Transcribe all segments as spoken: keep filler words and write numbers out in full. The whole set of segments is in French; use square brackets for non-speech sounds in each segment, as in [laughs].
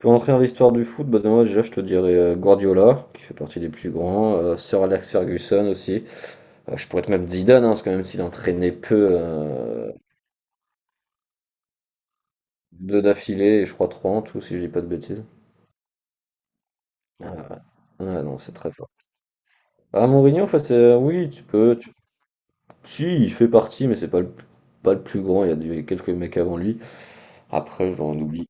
Pour entrer dans l'histoire du foot, bah, moi déjà je te dirais euh, Guardiola, qui fait partie des plus grands, euh, Sir Alex Ferguson aussi. Euh, je pourrais te mettre Zidane, hein, parce que même s'il entraînait peu, euh, deux d'affilée, et je crois trois en tout, si je dis pas de bêtises. Ah, ouais. Ouais, non, c'est très fort. Ah, Mourinho, en fait, c'est- euh, oui, tu peux. tu- Si, il fait partie, mais c'est pas le, pas le plus grand, il y a des- quelques mecs avant lui. Après, j'en oublie.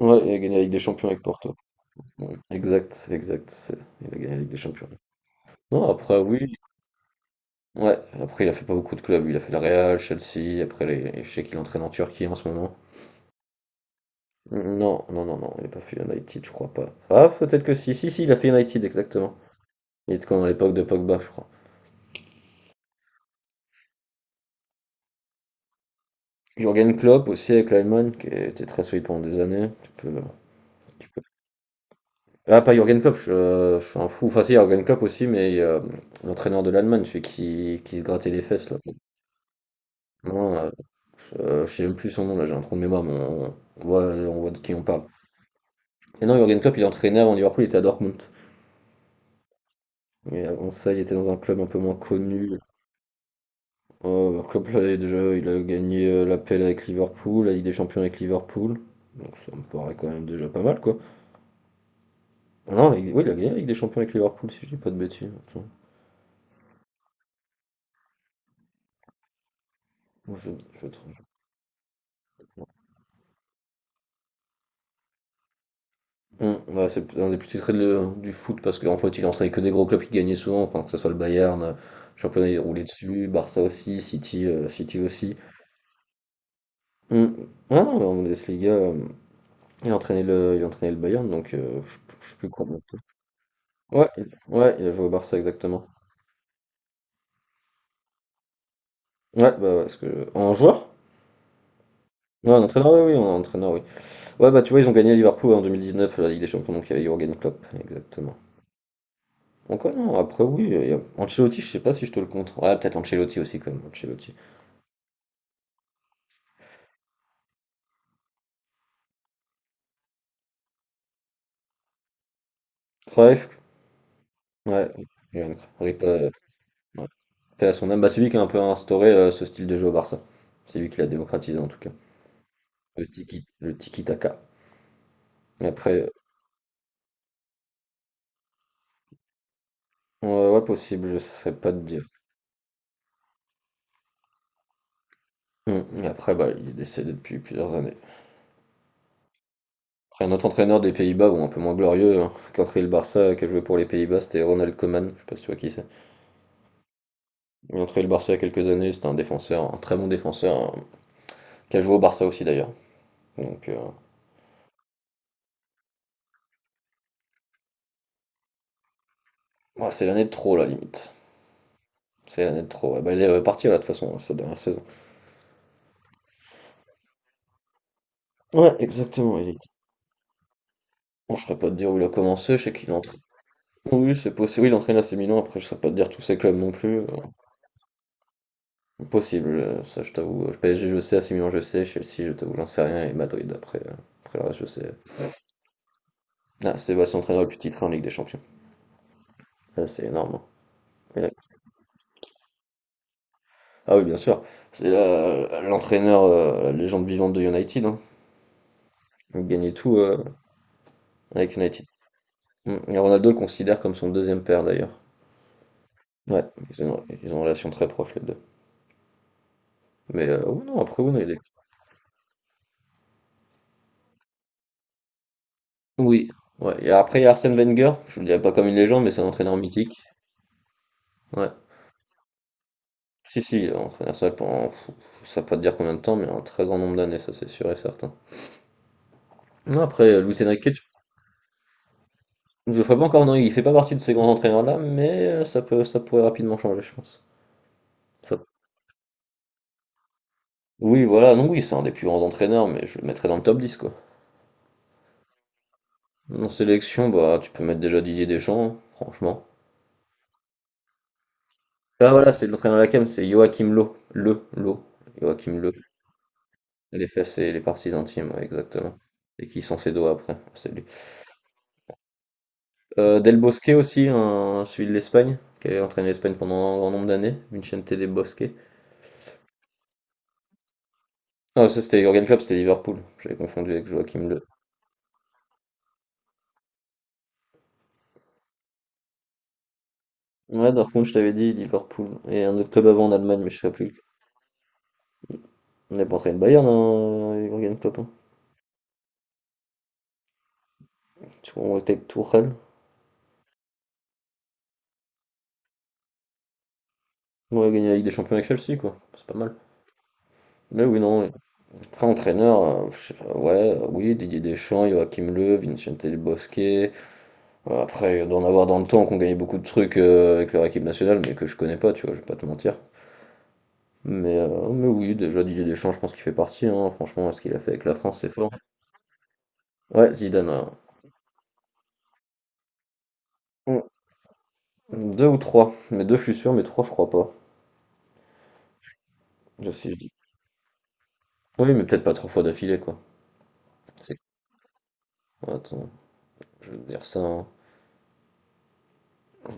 Ouais, il a gagné la Ligue des Champions avec Porto. Ouais, exact, exact. c'est- Il a gagné la Ligue des Champions. Non, après, oui. Ouais, après il a fait pas beaucoup de clubs, il a fait le Real, Chelsea, après les... je sais qu'il entraîne en Turquie en ce moment. Non, non, non, non, il n'a pas fait United, je crois pas. Ah, peut-être que si, si, si, il a fait United, exactement. Il était quand à l'époque de Pogba, je crois. Jürgen Klopp aussi avec l'Allemagne, qui était très solide pendant des années. Tu peux, tu peux- Ah, pas Jürgen Klopp, je, je suis un fou. Enfin, si, Jürgen Klopp aussi, mais euh, l'entraîneur de l'Allemagne, celui qui, qui se grattait les fesses, là. Non, euh, je, je sais même plus son nom, là, j'ai un trou de mémoire, mais on, on voit, on voit de qui on parle. Et non, Jürgen Klopp, il entraînait avant Liverpool, il était à Dortmund. Mais avant ça, il était dans un club un peu moins connu. Oh, un club, là, déjà, il a gagné euh, l'appel avec Liverpool, la Ligue des Champions avec Liverpool. Donc ça me paraît quand même déjà pas mal, quoi. Ah non, la Ligue- oui, il a gagné la Ligue des Champions avec Liverpool, si je dis pas de bêtises. Attends. Moi, je, je vais te- Hum, ouais, c'est un des plus titrés de- du foot parce qu'en fait, il entraînait que des gros clubs qui gagnaient souvent, enfin, que ce soit le Bayern, euh, championnat, il roulait dessus, Barça aussi, City, euh, City aussi. Hum. Ah non, mais en Bundesliga, euh, il entraînait le, il entraînait le Bayern, donc euh, je je sais plus quoi. Ouais, il- ouais, il a joué au Barça exactement. Ouais, bah ouais, parce que en joueur? Ouais, en entraîneur, oui, oui, en entraîneur, oui. Ouais, bah tu vois, ils ont gagné Liverpool en deux mille dix-neuf, la Ligue des Champions, donc il y avait Jürgen Klopp, exactement. Donc ouais, non, après oui, il y a- Ancelotti, je sais pas si je te le compte. Ouais, peut-être Ancelotti aussi quand même, Ancelotti. Cruyff, ouais, Jürgen Klopp, rip, euh, ouais, paix à son âme. Bah, c'est lui qui a un peu instauré euh, ce style de jeu au Barça. C'est lui qui l'a démocratisé en tout cas. Le tiki, le tiki-taka. Et Après, euh, ouais, ouais, possible, je sais pas te dire. Hum, Et après, bah, il est décédé depuis plusieurs années. Après, un autre entraîneur des Pays-Bas, bon, un peu moins glorieux, hein, qui a entraîné le Barça, qui a joué pour les Pays-Bas, c'était Ronald Koeman, je sais pas si tu vois qui c'est. Il a entraîné le Barça il y a quelques années, c'était un défenseur, un très bon défenseur, hein, qui a joué au Barça aussi d'ailleurs. Donc, euh, ouais, c'est l'année de trop, la limite. C'est l'année de trop. Ouais, bah, il est reparti, là, de toute façon, hein, cette dernière saison. Ouais, exactement, il est. Bon, je saurais pas te dire où il a commencé, je sais qu'il entraîne. Oui, c'est possible, oui, il entraîne à ses Milan, après je saurais pas te dire tous ses clubs non plus. euh, Possible, euh, ça je t'avoue. P S G je sais, A C Milan je sais, Chelsea je t'avoue, j'en sais rien, et Madrid après, euh, après le reste je sais. Ah, Sébastien Traîneur le plus titré en Ligue des Champions. Ah, c'est énorme, hein. Ouais. Ah oui, bien sûr. C'est euh, l'entraîneur, euh, la légende vivante de United, hein. Il gagnait tout euh, avec United. Mm. Et Ronaldo le considère comme son deuxième père d'ailleurs. Ouais, ils ont, ils ont une relation très proche les deux. Mais euh, oui, non, après, oui, non, il est. Oui. Ouais. Et après, il y a Arsène Wenger. Je le dirais pas comme une légende, mais c'est un entraîneur mythique. Ouais. Si, si, il a entraîné ça pendant, je sais pas te dire combien de temps, mais un très grand nombre d'années, ça c'est sûr et certain. Non, après, Luis Enrique, Je ferais pas encore, non, il fait pas partie de ces grands entraîneurs-là, mais euh, ça peut, ça pourrait rapidement changer, je pense. Ça- Oui, voilà, Non, oui, c'est un des plus grands entraîneurs, mais je le mettrais dans le top dix quoi. En sélection, bah, tu peux mettre déjà Didier Deschamps, hein, franchement. Ah, voilà, c'est l'entraîneur de la C A M, c'est Joachim Löw. Le, Löw. Joachim Löw. Les fesses et les parties intimes, ouais, exactement. Et qui sont ses doigts après, c'est lui. Euh, Del Bosque aussi, un- celui de l'Espagne, qui avait entraîné l'Espagne pendant un grand nombre d'années, Vicente Del Bosque. Ah, ça c'était Jürgen Klopp, c'était Liverpool. J'avais confondu avec Joachim Löw. Ouais, Dortmund, je t'avais dit Liverpool. Et un autre club avant en Allemagne, mais je sais plus. On est pas entraîné le Bayern, hein, Jürgen Klopp, hein. Tu vois, On était avec Tourelle. On a gagné la Ligue des Champions avec Chelsea, quoi. C'est pas mal. Mais oui, non, ouais. Après, entraîneur, euh, je sais pas, ouais, euh, oui, Didier Deschamps, Joachim Löw, Vincente Del Bosque. Euh, Après, d'en avoir dans le temps qu'on gagnait beaucoup de trucs euh, avec leur équipe nationale, mais que je connais pas, tu vois, je vais pas te mentir. Mais, euh, mais oui, déjà Didier Deschamps, je pense qu'il fait partie, hein. Franchement, ce qu'il a fait avec la France, c'est fort. Ouais, Zidane, ouais. Deux ou trois. Mais deux, je suis sûr, mais trois, je crois pas. Je, si je dis. Oui, mais peut-être pas trois fois d'affilée, quoi. C'est- Attends, je vais te dire ça, hein.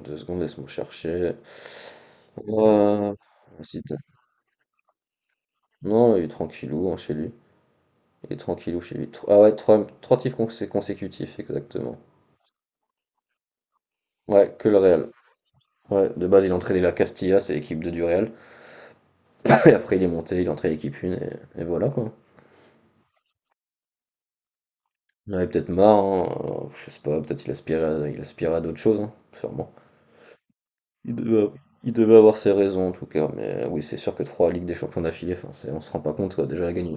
Deux secondes, laisse-moi chercher. Euh, si t'as- Non, il est tranquillou, hein, chez lui. Il est tranquillou chez lui. Tro- Ah ouais, trois, trois titres consé- consécutifs, exactement. Ouais, que le Real. Ouais, de base, il entraînait la Castilla, c'est l'équipe deux du Real. [coughs] [clears throat] Et après, il est monté, il a entraîné l'équipe un, et, et voilà, quoi. Il en avait peut-être marre, hein. Alors, je sais pas, peut-être il aspirait à, il aspirait à d'autres choses, hein, sûrement. Il devait, il devait avoir ses raisons en tout cas, mais euh, oui, c'est sûr que trois Ligues des Champions d'affilée, enfin, c'est- on se rend pas compte, quoi, déjà la gagner.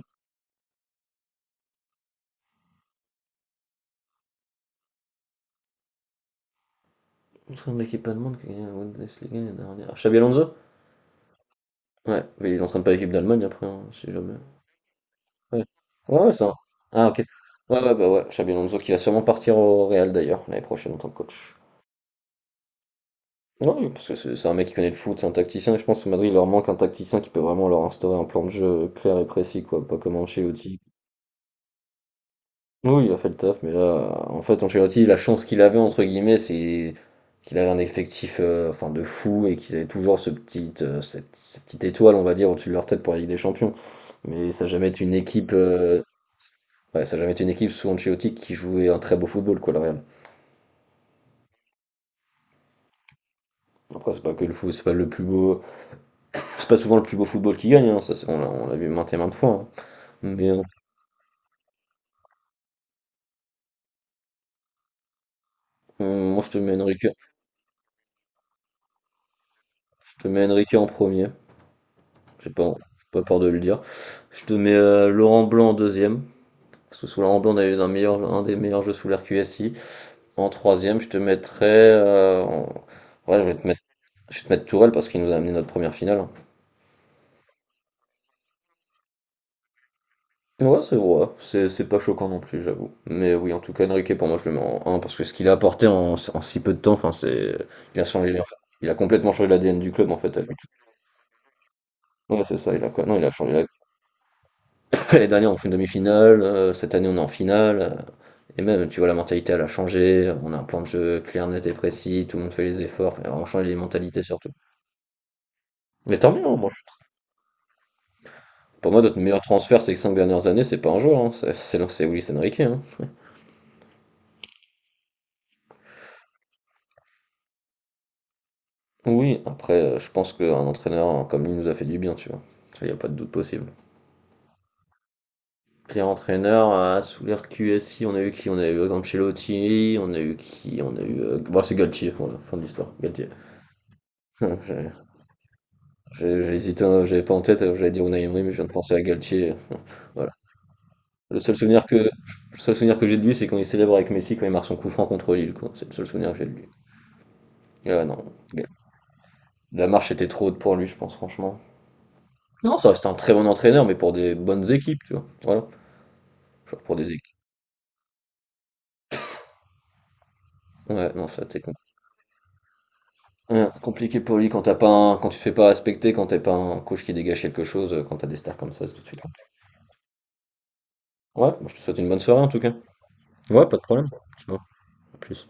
Contre un mec qui est pas de monde qui a gagné la Bundesliga l'année dernière. Xabi Alonso? Ouais, mais il entraîne pas l'équipe d'Allemagne après, hein, si jamais. Ouais, ouais, ouais, ça. Ah, ok. Ouais, ouais, bah ouais, Xabi Alonso qui va sûrement partir au Real d'ailleurs, l'année prochaine en tant que coach. Ouais, oui, parce que c'est c'est un mec qui connaît le foot, c'est un tacticien, et je pense au Madrid, il leur manque un tacticien qui peut vraiment leur instaurer un plan de jeu clair et précis, quoi, pas comme Ancelotti. Oui, il a fait le taf, mais là, en fait, Ancelotti, la chance qu'il avait, entre guillemets, c'est qu'il avait un effectif euh, enfin, de fou et qu'ils avaient toujours ce petit, euh, cette, cette petite étoile, on va dire, au-dessus de leur tête pour la Ligue des Champions. Mais ça n'a jamais été une équipe, euh, ouais, ça a jamais été une équipe sous Ancelotti qui jouait un très beau football, quoi, le Real. Après, c'est pas que le foot, c'est pas le plus beau, c'est pas souvent le plus beau football qui gagne, hein, ça, c'est- on l'a on l'a vu maintes et maintes fois, hein. Mais euh, moi, je te mets Enrique, je te mets Enrique en premier, j'ai pas, j'ai pas peur de le dire. Je te mets euh, Laurent Blanc en deuxième. Parce que sous la Ramblon, on avait un, meilleur, un des meilleurs jeux sous l'air Q S I. En troisième, je te mettrais. euh, en- Ouais, je vais te mettre, je vais te mettre Tourelle parce qu'il nous a amené notre première finale. Ouais, c'est vrai, c'est c'est pas choquant non plus, j'avoue. Mais oui, en tout cas, Enrique, pour moi, je le mets en un parce que ce qu'il a apporté en, en si peu de temps, enfin, c'est. Il a changé, en fait. Il a complètement changé l'A D N du club, en fait, à lui. Ouais, c'est ça, il a quoi? Non, il a changé la. [laughs] L'année dernière, on fait une demi-finale, euh, cette année, on est en finale. euh, Et même, tu vois, la mentalité, elle a changé. On a un plan de jeu clair, net et précis. Tout le monde fait les efforts. Enfin, on change les mentalités surtout. Mais tant mieux, hein, moi. je- Pour moi, notre meilleur transfert ces cinq dernières années, c'est pas un joueur, hein. C'est c'est- c'est Luis Enrique, hein. Oui, après, euh, je pense qu'un entraîneur hein, comme lui nous a fait du bien, tu vois. Ça, y a pas de doute possible. Pire entraîneur, euh, sous l'ère Q S I, on a eu qui? On a eu Ancelotti, on a eu qui? On a eu. euh, Bon, c'est Galtier, voilà, fin de l'histoire. Galtier. [laughs] J'ai j'ai- j'ai hésité, hein, j'avais pas en tête, euh, j'allais dire Unai Emery, mais je viens de penser à Galtier. [laughs] Voilà, Le seul souvenir que, le seul souvenir que j'ai de lui, c'est quand il célèbre avec Messi quand il marque son coup franc contre Lille, quoi. C'est le seul souvenir que j'ai de lui. Et ouais, non. La marche était trop haute pour lui, je pense, franchement. Non, ça reste un très bon entraîneur, mais pour des bonnes équipes, tu vois. Voilà. Genre pour des équipes. Ouais, non, ça, c'est compliqué pour lui quand t'as pas un- quand tu te fais pas respecter, quand t'es pas un coach qui dégage quelque chose, euh, quand t'as des stars comme ça, c'est tout de suite compliqué. Ouais, moi, je te souhaite une bonne soirée en tout cas. Ouais, pas de problème. Ciao. À plus.